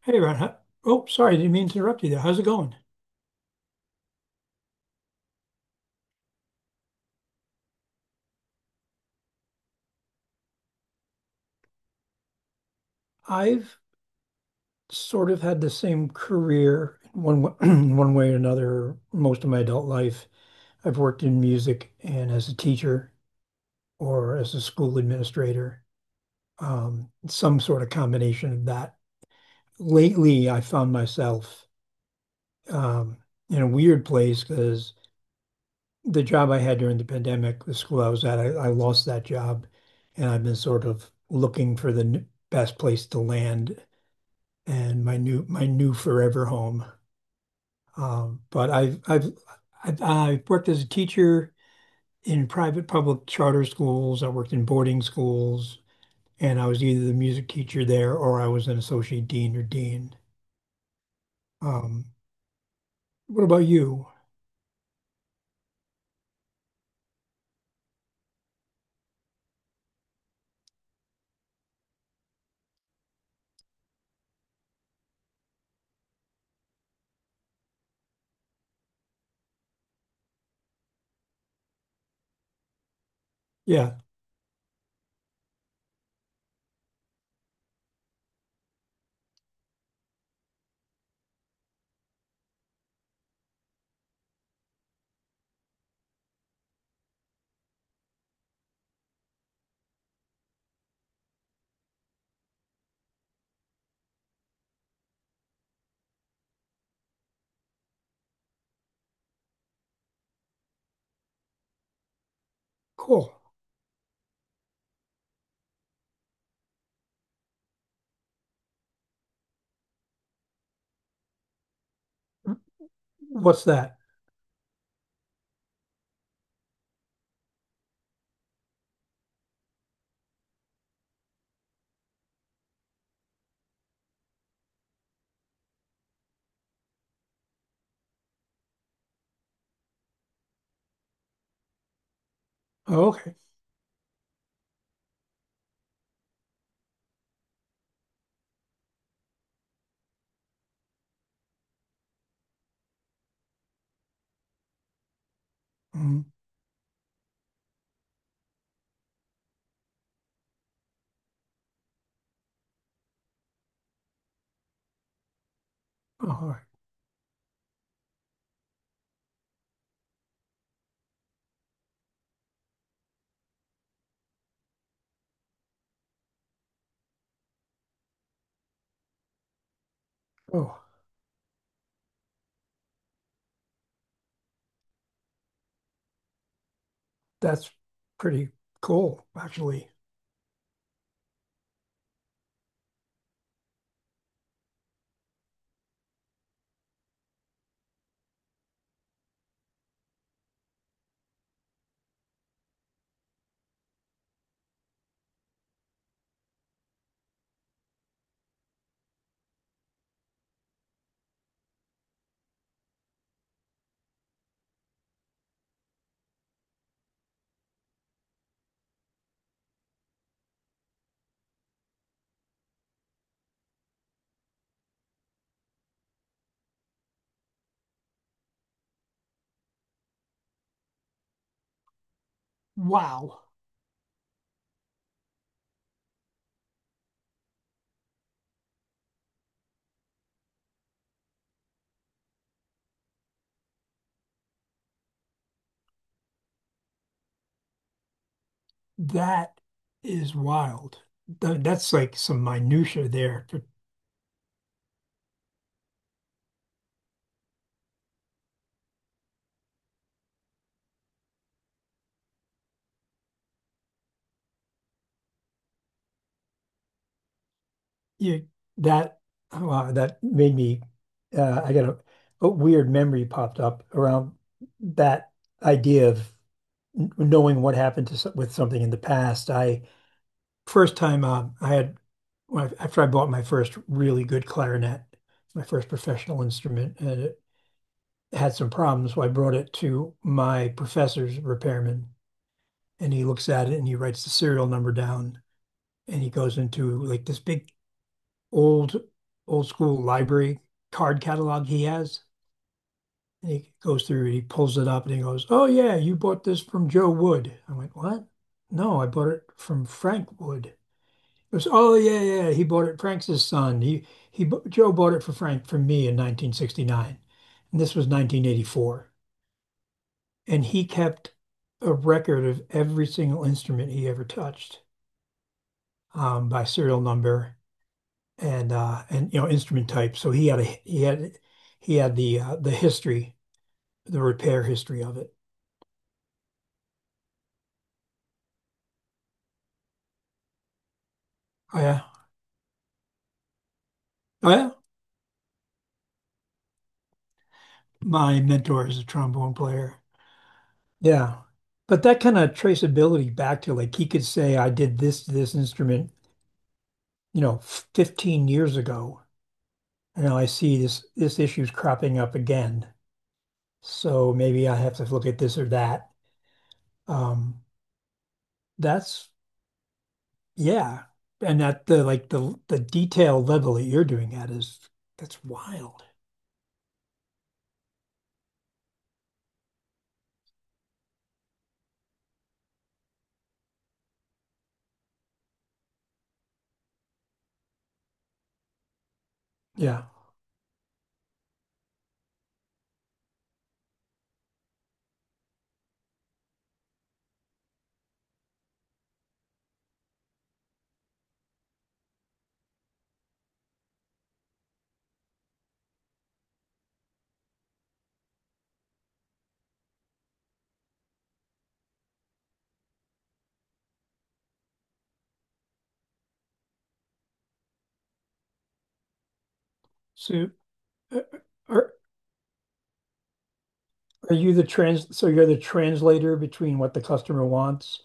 Hey Ron, I didn't mean to interrupt you there. How's it going? I've sort of had the same career in one w- in one way or another most of my adult life. I've worked in music and as a teacher or as a school administrator, some sort of combination of that. Lately, I found myself um, in a weird place because the job I had during the pandemic, the school I was at, I lost that job, and I've been sort of looking for the best place to land and my new forever home. But I've worked as a teacher in private public charter schools. I worked in boarding schools, and I was either the music teacher there or I was an associate dean or dean. Um, what about you? Yeah, cool. What's that? Oh, okay. Mm, oh, all right. Oh, that's pretty cool, actually. Wow, that is wild. Th- that's like some minutia there for you. That wow, that made me I got a weird memory popped up around that idea of knowing what happened to with something in the past. I first time I had when I, after I bought my first really good clarinet, my first professional instrument, and it had some problems, so I brought it to my professor's repairman, and he looks at it and he writes the serial number down, and he goes into like this big old old school library card catalog he has. And he goes through and he pulls it up and he goes, "Oh yeah, you bought this from Joe Wood." I went, "What? No, I bought it from Frank Wood." He goes, "Oh yeah, yeah, he bought it. Frank's his son. He Joe bought it for Frank from me in 1969, and this was 1984." And he kept a record of every single instrument he ever touched, by serial number and you know, instrument type. So he had a he had the history, the repair history of it. Oh, yeah. Oh, yeah. My mentor is a trombone player. Yeah. But that kind of traceability, back to like he could say I did this to this instrument, you know, 15 years ago. And now I see this issue's cropping up again. So maybe I have to look at this or that. Um that's Yeah. And at the like the detail level that you're doing at is, that's wild. Yeah. So uh, uh, are are you the trans so you're the translator between what the customer wants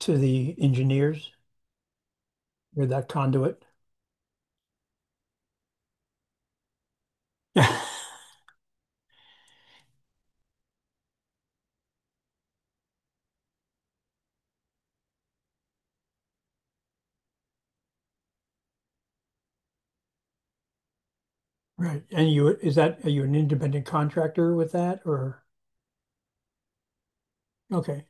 to the engineers? You're that conduit. Right. And you is that are you an independent contractor with that or okay.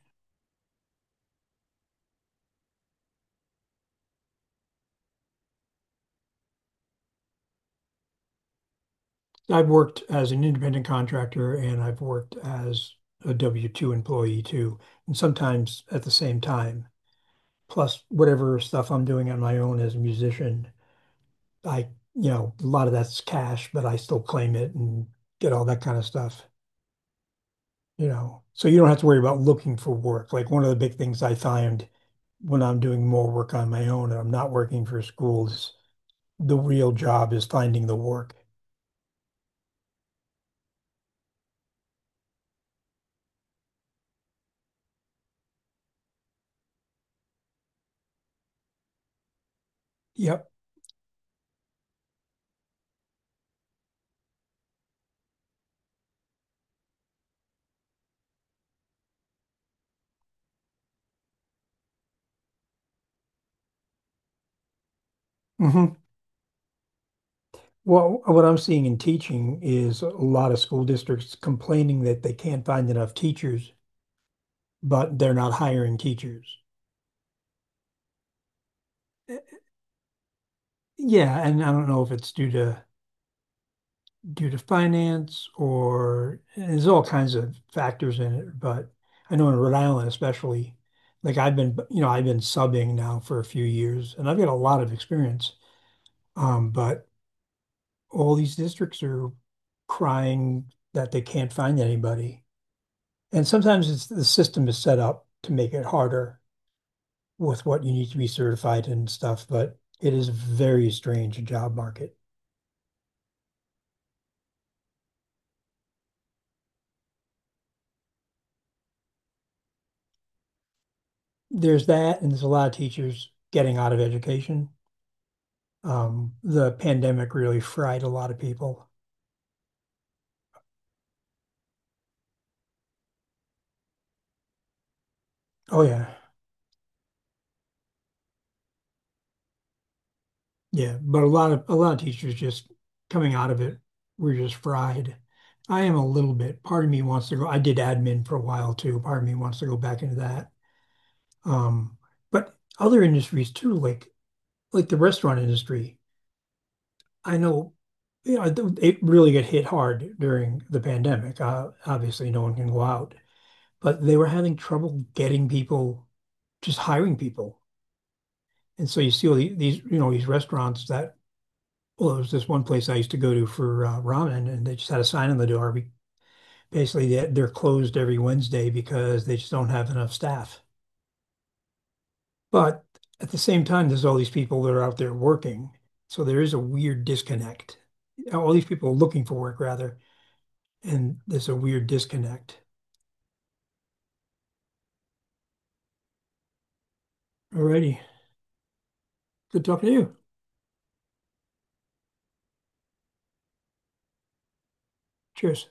I've worked as an independent contractor and I've worked as a W-2 employee too, and sometimes at the same time. Plus whatever stuff I'm doing on my own as a musician. I, you know, a lot of that's cash, but I still claim it and get all that kind of stuff, you know. So you don't have to worry about looking for work. Like one of the big things I find when I'm doing more work on my own and I'm not working for schools, the real job is finding the work. Yep. Hmm. Well, what I'm seeing in teaching is a lot of school districts complaining that they can't find enough teachers, but they're not hiring teachers. Yeah, and I don't know if it's due to finance or, and there's all kinds of factors in it, but I know in Rhode Island especially, like I've been, you know, I've been subbing now for a few years and I've got a lot of experience. But all these districts are crying that they can't find anybody. And sometimes it's the system is set up to make it harder with what you need to be certified and stuff, but it is very strange job market. There's that, and there's a lot of teachers getting out of education. The pandemic really fried a lot of people. Oh yeah, yeah. But a lot of teachers just coming out of it were just fried. I am a little bit. Part of me wants to go. I did admin for a while too. Part of me wants to go back into that. Um, but other industries too, like the restaurant industry. I know, you know, it really got hit hard during the pandemic. Obviously, no one can go out, but they were having trouble getting people, just hiring people. And so you see all these, you know, these restaurants that, well, there was this one place I used to go to for ramen, and they just had a sign on the door. We, basically, they're closed every Wednesday because they just don't have enough staff. But at the same time, there's all these people that are out there working. So there is a weird disconnect. All these people are looking for work, rather, and there's a weird disconnect. Alrighty. Good talking to you. Cheers.